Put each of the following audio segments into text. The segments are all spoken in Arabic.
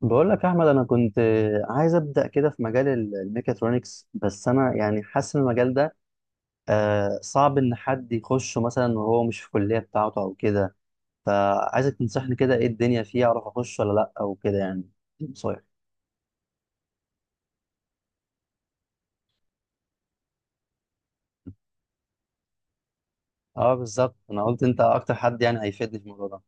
بقول لك يا احمد، انا كنت عايز ابدا كده في مجال الميكاترونكس. بس انا يعني حاسس ان المجال ده صعب ان حد يخشه مثلا وهو مش في الكليه بتاعته او كده. فعايزك تنصحني كده، ايه الدنيا فيه اعرف اخش ولا لا او كده يعني؟ صحيح. اه بالظبط، انا قلت انت اكتر حد يعني هيفيدني في الموضوع ده.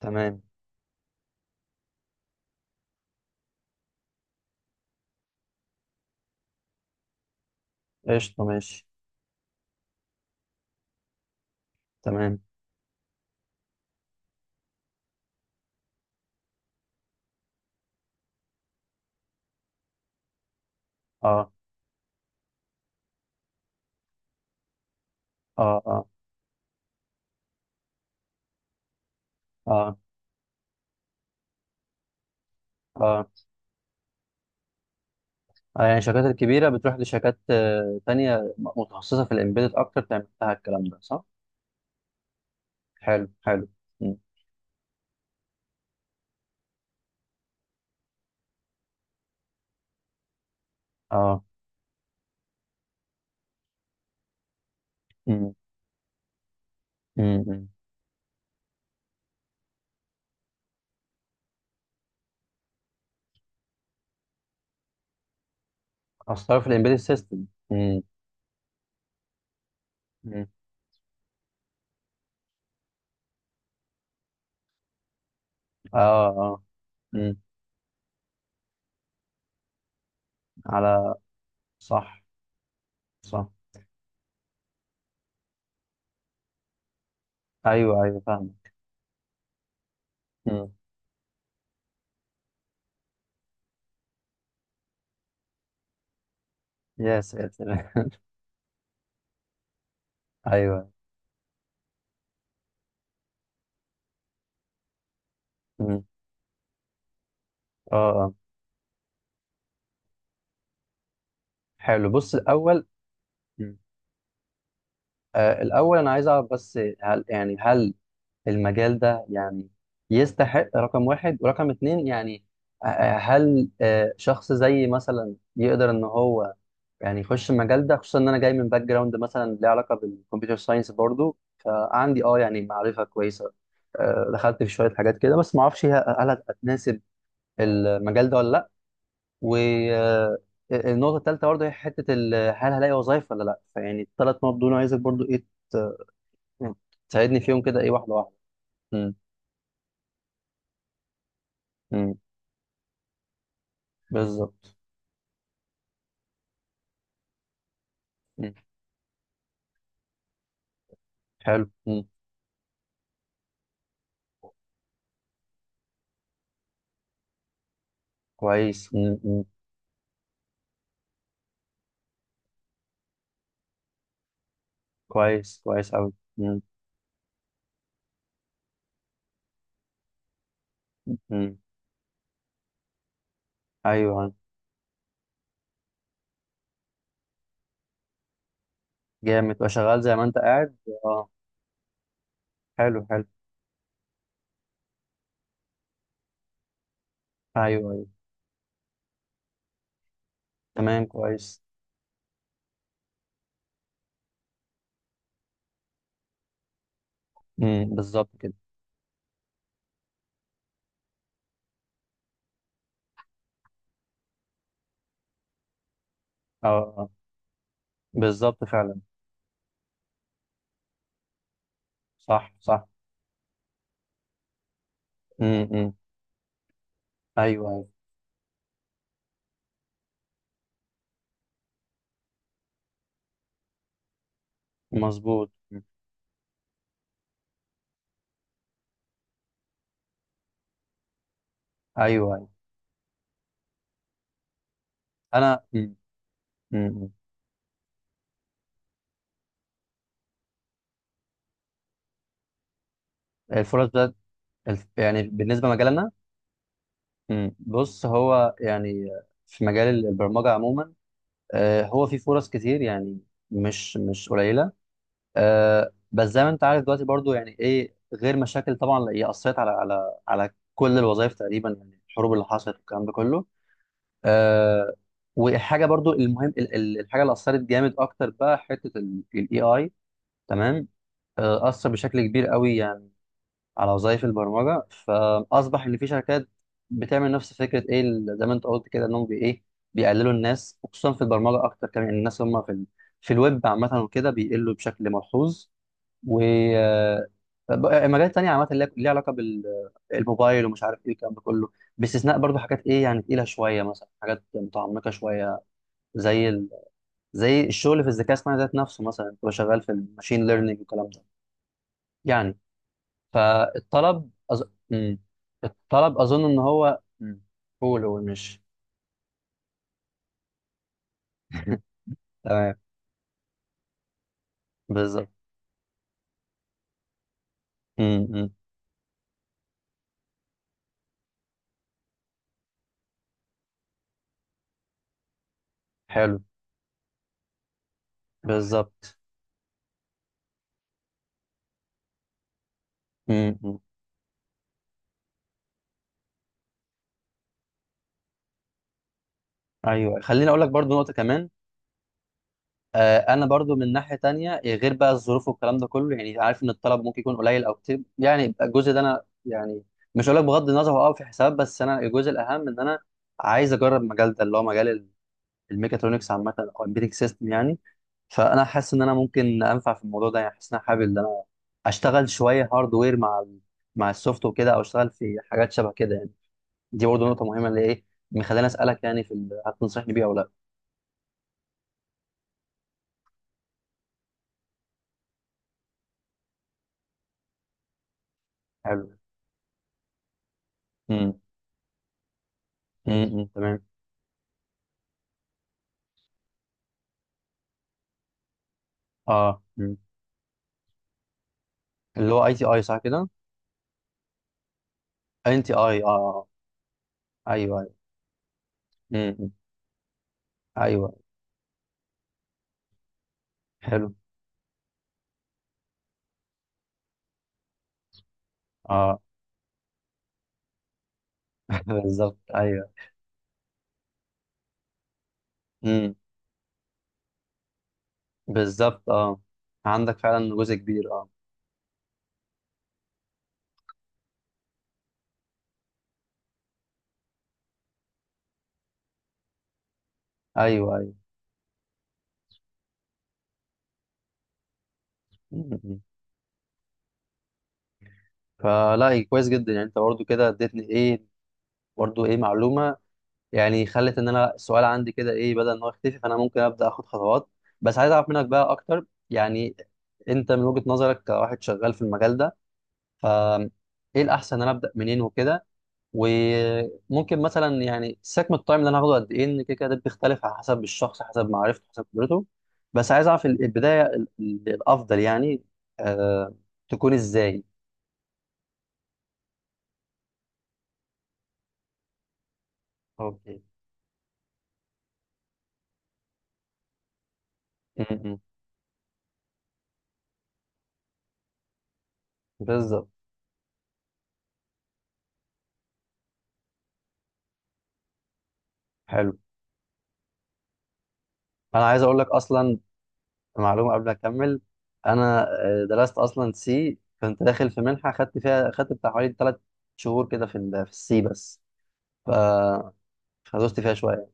تمام. قشطه، ماشي. تمام. اه، اه، اه، اه، اه. يعني الشركات الكبيره بتروح لشركات تانية متخصصه في الامبيدد اكتر، تعمل لها الكلام ده، صح؟ حلو، حلو. اه. مم. مم. مم. اصلا في الامبيدد سيستم. مم. مم. اه، اه. مم. على صح، صح. ايوه، ايوه، فاهم. مم. يا ساتر. ايوه. مم. اه، اه. حلو، بص الاول. مم. الاول انا عايز اعرف بس، هل يعني هل المجال ده يعني يستحق رقم 1 ورقم اتنين يعني؟ هل شخص زي مثلا يقدر ان هو يعني يخش المجال ده، خصوصا ان انا جاي من باك جراوند مثلا ليه علاقه بالكمبيوتر ساينس برضو، فعندي يعني معرفه كويسه. دخلت في شويه حاجات كده، بس ما اعرفش هل هتناسب المجال ده ولا لا. والنقطه الثالثه برضو هي هل هلاقي وظايف ولا لا. فيعني الثلاث نقط دول عايزك برضو ايه، ت- يعني تساعدني فيهم كده ايه، واحده واحده. مم. مم. بالظبط. مم. حلو. مم. كويس. مم. مم. كويس، كويس قوي. ايوه. جامد، تبقى شغال زي ما انت قاعد. آه. حلو، حلو. ايوه، ايوه. تمام. كويس. امم، بالظبط كده. اه. آه. بالظبط فعلا. صح، صح. امم، أمم. ايوه، ايوه. مظبوط. أمم. ايوه، ايوه. انا أمم. أمم. إمم. الفرص بتاعت يعني بالنسبه لمجالنا. أمم. بص هو يعني في مجال البرمجه عموما هو في فرص كتير يعني، مش قليله. بس زي ما انت عارف دلوقتي برضو يعني ايه غير مشاكل طبعا، هي اثرت على كل الوظائف تقريبا يعني، الحروب اللي حصلت والكلام ده كله. آه وحاجه برضو المهم الحاجه اللي اثرت جامد اكتر، بقى حته الاي اي. تمام. اثر بشكل كبير قوي يعني على وظائف البرمجه، فاصبح ان في شركات بتعمل نفس فكره، ايه زي ما انت قلت كده، انهم بي ايه بيقللوا الناس، وخصوصا في البرمجه اكتر كمان، الناس هم في في الويب عامه وكده بيقلوا بشكل ملحوظ. و مجالات تانية عامة اللي ليها علاقة بالموبايل ومش عارف ايه الكلام ده كله، باستثناء برضو حاجات ايه يعني تقيلة شوية، مثلا حاجات متعمقة شوية زي زي الشغل في الذكاء الصناعي ذات نفسه، مثلا تبقى شغال في الماشين ليرنينج والكلام ده يعني. فالطلب مم. الطلب أظن إن هو مم. قول، قول، مش تمام. بالظبط. مم، مم. حلو. بالظبط. مم، مم. ايوه، خليني اقول لك برضو نقطه كمان. انا برضو من ناحيه تانية إيه، غير بقى الظروف والكلام ده كله يعني، عارف ان الطلب ممكن يكون قليل او كتير يعني، يبقى الجزء ده انا يعني مش هقول لك بغض النظر هو اه، في حساب. بس انا الجزء الاهم ان انا عايز اجرب المجال ده اللي هو مجال الميكاترونكس عامه، او البيتك سيستم يعني. فانا حاسس ان انا ممكن انفع في الموضوع ده، يعني حاسس ان انا حابب ان انا اشتغل شويه هاردوير مع ال مع السوفت وكده، او اشتغل في حاجات شبه كده يعني. دي برضو نقطه مهمه اللي ايه مخليني اسالك، يعني في هتنصحني بيها او لا. حلو. امم. امم. تمام. اه، اللي هو اي تي اي صح كده؟ ان تي اي. اه. ايوه، ايوه. امم. ايوه. حلو. اه. بالظبط، ايوه. امم. بالظبط. اه. عندك فعلا جزء كبير. اه. ايوه، ايوه. امم. فلا إيه، كويس جدا يعني، انت برضو كده اديتني ايه برضو ايه معلومه، يعني خلت ان انا السؤال عندي كده ايه بدل ان هو يختفي، فانا ممكن ابدا اخد خطوات. بس عايز اعرف منك بقى اكتر يعني، انت من وجهه نظرك كواحد شغال في المجال ده، ف ايه الاحسن ان انا ابدا منين وكده. وممكن مثلا يعني سكم التايم اللي انا هاخده قد ايه، ان كده كده ده بيختلف على حسب الشخص، حسب معرفته، حسب خبرته. بس عايز اعرف البدايه الافضل يعني آه تكون ازاي. اوكي. م- م. بالظبط. حلو. انا عايز اقول لك اصلا معلومه قبل ما اكمل. انا درست اصلا سي، كنت داخل في منحه خدت فيها، خدت بتاع حوالي 3 شهور كده في في السي بس. ف فدوست فيها شويه.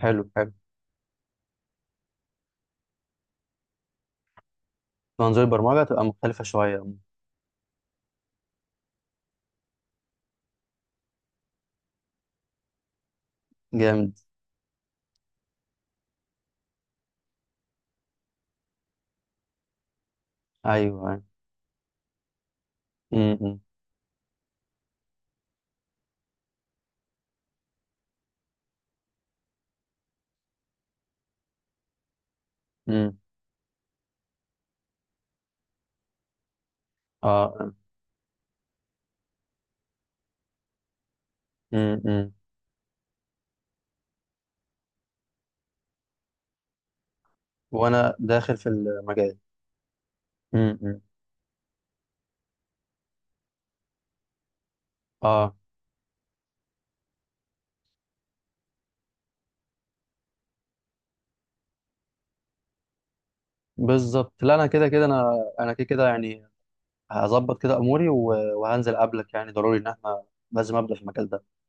حلو، حلو. منظور البرمجه تبقى مختلفه شويه. جامد. ايوه، أيوه. امم. امم. اه. امم. امم. وانا داخل في المجال. امم. امم. اه، بالظبط. لا انا كده كده انا كده كده يعني، هظبط كده اموري وهنزل قبلك، يعني ضروري ان احنا لازم ابدا في المجال ده.